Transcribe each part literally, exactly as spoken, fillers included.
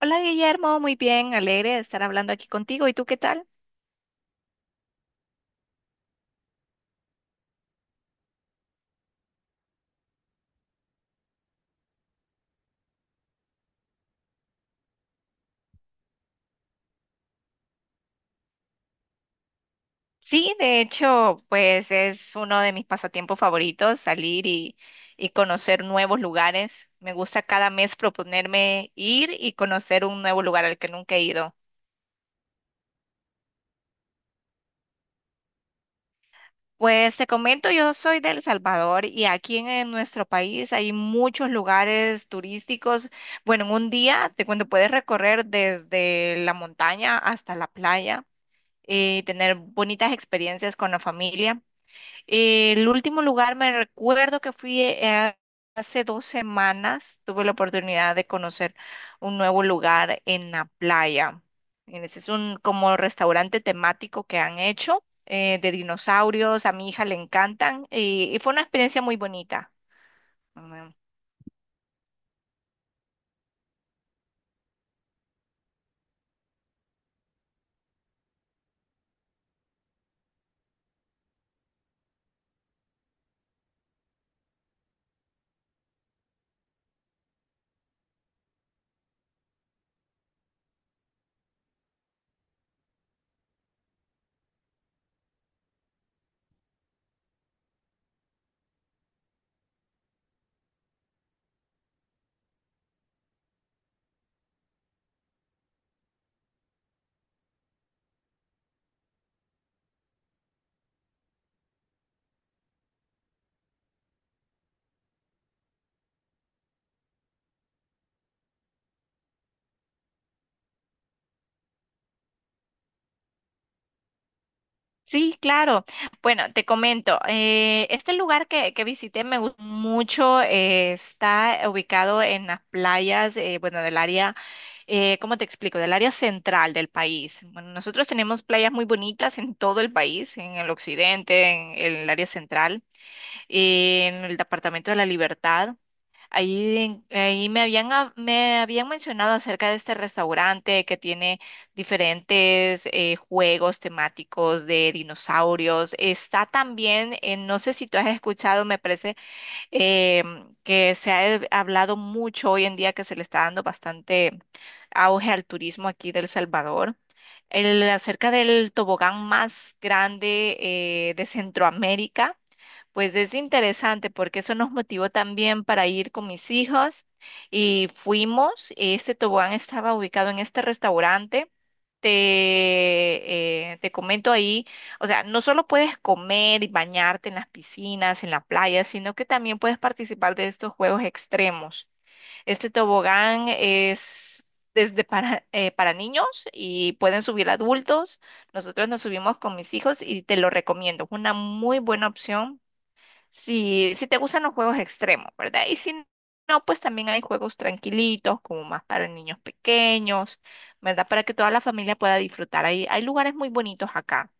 Hola Guillermo, muy bien, alegre de estar hablando aquí contigo. ¿Y tú qué tal? Sí, de hecho, pues es uno de mis pasatiempos favoritos, salir y, y conocer nuevos lugares. Me gusta cada mes proponerme ir y conocer un nuevo lugar al que nunca he ido. Pues te comento, yo soy de El Salvador y aquí en, en nuestro país hay muchos lugares turísticos. Bueno, en un día te cuento, puedes recorrer desde la montaña hasta la playa y tener bonitas experiencias con la familia. El último lugar me recuerdo que fui eh, hace dos semanas. Tuve la oportunidad de conocer un nuevo lugar en la playa. En este es un como restaurante temático que han hecho eh, de dinosaurios. A mi hija le encantan y, y fue una experiencia muy bonita. Mm, Sí, claro. Bueno, te comento, eh, este lugar que, que visité me gustó mucho, eh, está ubicado en las playas, eh, bueno, del área, eh, ¿cómo te explico? Del área central del país. Bueno, nosotros tenemos playas muy bonitas en todo el país, en el occidente, en, en el área central, en el departamento de la Libertad. Ahí, en- ahí me habían, hab- me habían mencionado acerca de este restaurante que tiene diferentes eh, juegos temáticos de dinosaurios. Está también, eh, no sé si tú has escuchado, me parece em, que se ha eh, hablado mucho hoy en día que se le está dando bastante auge al turismo aquí del Salvador. El, acerca del tobogán más grande eh, de Centroamérica. Pues es interesante porque eso nos motivó también para ir con mis hijos y fuimos. Este tobogán estaba ubicado en este restaurante. Te, eh, te comento ahí, o sea, no solo puedes comer y bañarte en las piscinas, en la playa, sino que también puedes participar de estos juegos extremos. Este tobogán es desde para, eh, para niños y pueden subir adultos. Nosotros nos subimos con mis hijos y te lo recomiendo. Es una muy buena opción si, si te gustan los juegos extremos, ¿verdad? Y si no, pues también hay juegos tranquilitos, como más para niños pequeños, ¿verdad? Para que toda la familia pueda disfrutar. Hay, hay lugares muy bonitos acá.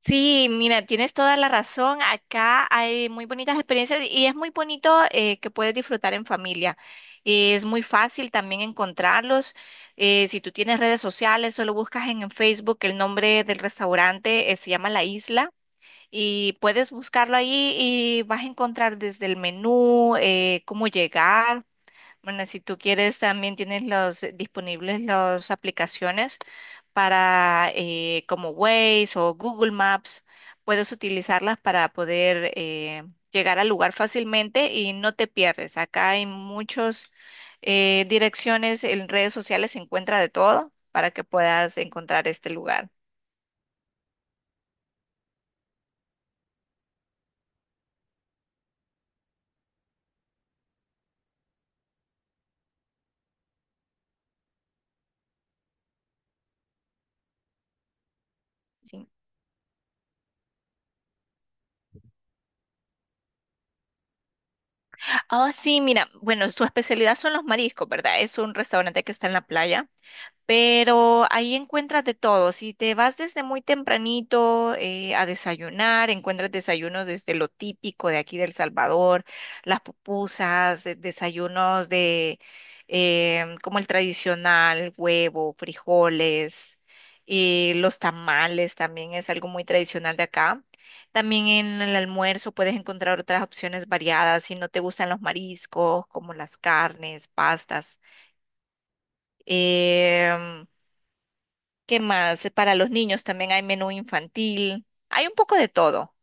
Sí, mira, tienes toda la razón. Acá hay muy bonitas experiencias y es muy bonito eh, que puedes disfrutar en familia. Es muy fácil también encontrarlos. Eh, si tú tienes redes sociales, solo buscas en, en Facebook el nombre del restaurante, eh, se llama La Isla. Y puedes buscarlo ahí y vas a encontrar desde el menú, eh, cómo llegar. Bueno, si tú quieres, también tienes los disponibles las aplicaciones para eh, como Waze o Google Maps. Puedes utilizarlas para poder eh, llegar al lugar fácilmente y no te pierdes. Acá hay muchas direcciones, en redes sociales se encuentra de todo para que puedas encontrar este lugar. Sí. Ah, sí, mira, bueno, su especialidad son los mariscos, ¿verdad? Es un restaurante que está en la playa pero ahí encuentras de todo. Si te vas desde muy tempranito eh, a desayunar, encuentras desayunos desde lo típico de aquí del Salvador, las pupusas, de- desayunos de em, como el tradicional, huevo, frijoles, y los tamales también es algo muy tradicional de acá. También en el almuerzo puedes encontrar otras opciones variadas si no te gustan los mariscos, como las carnes, pastas. Em, ¿Qué más? Para los niños también hay menú infantil. Hay un poco de todo.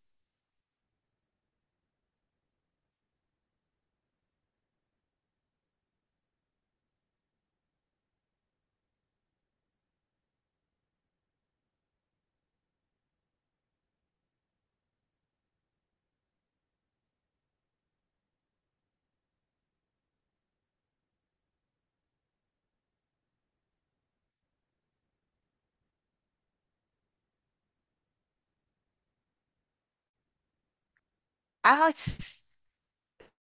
Ah, s-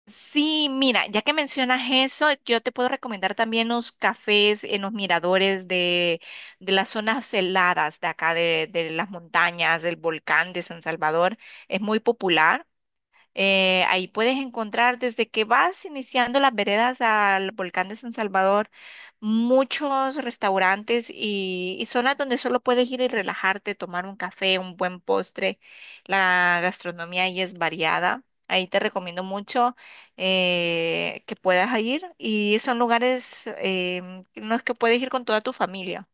sí, mira, ya que mencionas eso, yo te puedo recomendar también los cafés en los miradores de, de las zonas heladas de acá, de, de las montañas, del volcán de San Salvador. Es muy popular. Eh, ahí puedes encontrar desde que vas iniciando las veredas al volcán de San Salvador, muchos restaurantes y, y zonas donde solo puedes ir y relajarte, tomar un café, un buen postre. La gastronomía ahí es variada. Ahí te recomiendo mucho eh, que puedas ir y son lugares em, en los que puedes ir con toda tu familia.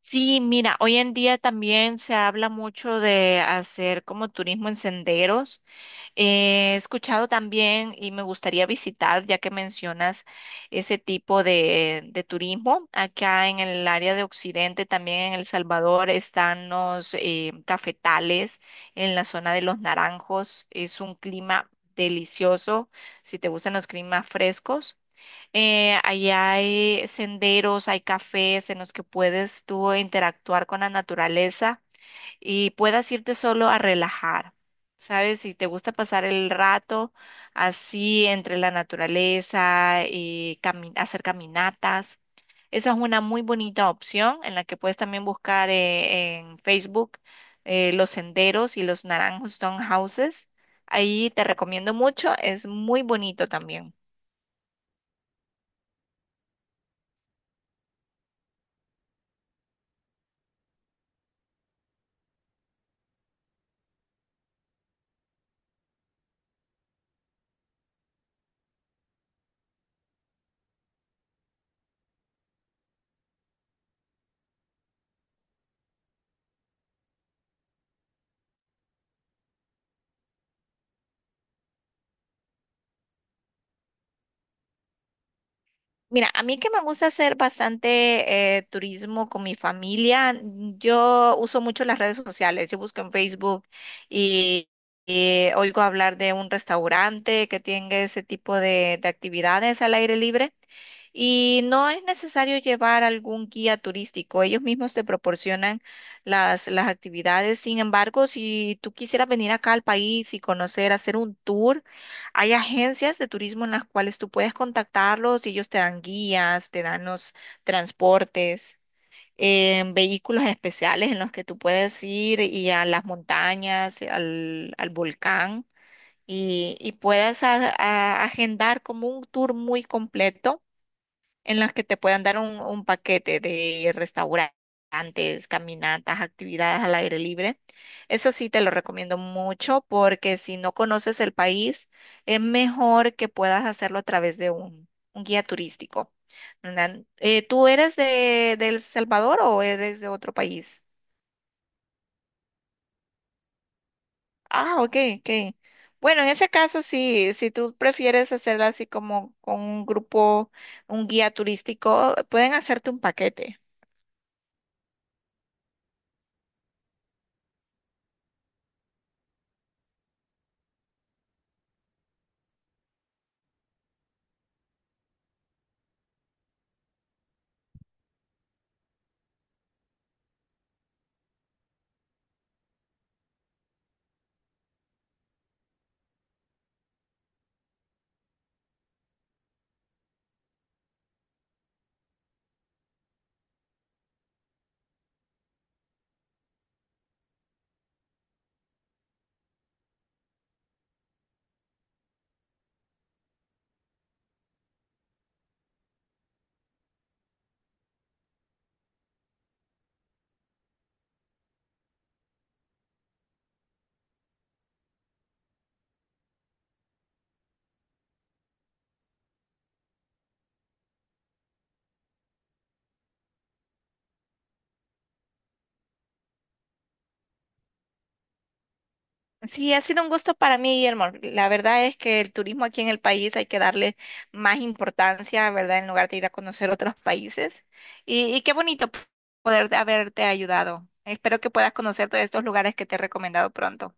Sí, mira, hoy en día también se habla mucho de hacer como turismo en senderos. He escuchado también y me gustaría visitar, ya que mencionas ese tipo de, de turismo, acá en el área de Occidente, también en El Salvador, están los eh, cafetales en la zona de Los Naranjos. Es un clima delicioso si te gustan los climas frescos. Eh, ahí hay senderos, hay cafés en los que puedes tú interactuar con la naturaleza y puedas irte solo a relajar. ¿Sabes? Si te gusta pasar el rato así entre la naturaleza, eh, cami- hacer caminatas, esa es una muy bonita opción en la que puedes también buscar eh, en Facebook eh, los senderos y los Naranjo Stone Houses. Ahí te recomiendo mucho, es muy bonito también. Mira, a mí que me gusta hacer bastante eh, turismo con mi familia, mm, yo uso mucho las redes sociales, yo busco en Facebook y, y oigo hablar de un restaurante que tiene ese tipo de, de actividades al aire libre y no es necesario llevar algún guía turístico, ellos mismos te proporcionan las, las actividades, sin embargo, si tú quisieras venir acá al país y conocer, hacer un tour, hay agencias de turismo en las cuales tú puedes contactarlos y ellos te dan guías, te dan los transportes, eh, vehículos especiales en los que tú puedes ir y a las montañas, al, al volcán y, y puedes a- a- agendar como un tour muy completo en las que te puedan dar un, un paquete de restaurantes, caminatas, actividades al aire libre. Eso sí te lo recomiendo mucho porque si no conoces el país, es mejor que puedas hacerlo a través de un, un guía turístico, ¿verdad? Eh, ¿tú eres de, de El Salvador o eres de otro país? Ah, ok, ok. Bueno, en ese caso sí, si tú prefieres hacerlo así como con un grupo, un guía turístico, pueden hacerte un paquete. Sí, ha sido un gusto para mí, Guillermo. La verdad es que el turismo aquí en el país hay que darle más importancia, ¿verdad? En lugar de ir a conocer otros países. Y, y qué bonito p- poder haberte ayudado. Espero que puedas conocer todos estos lugares que te he recomendado pronto.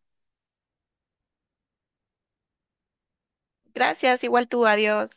Gracias, igual tú, adiós.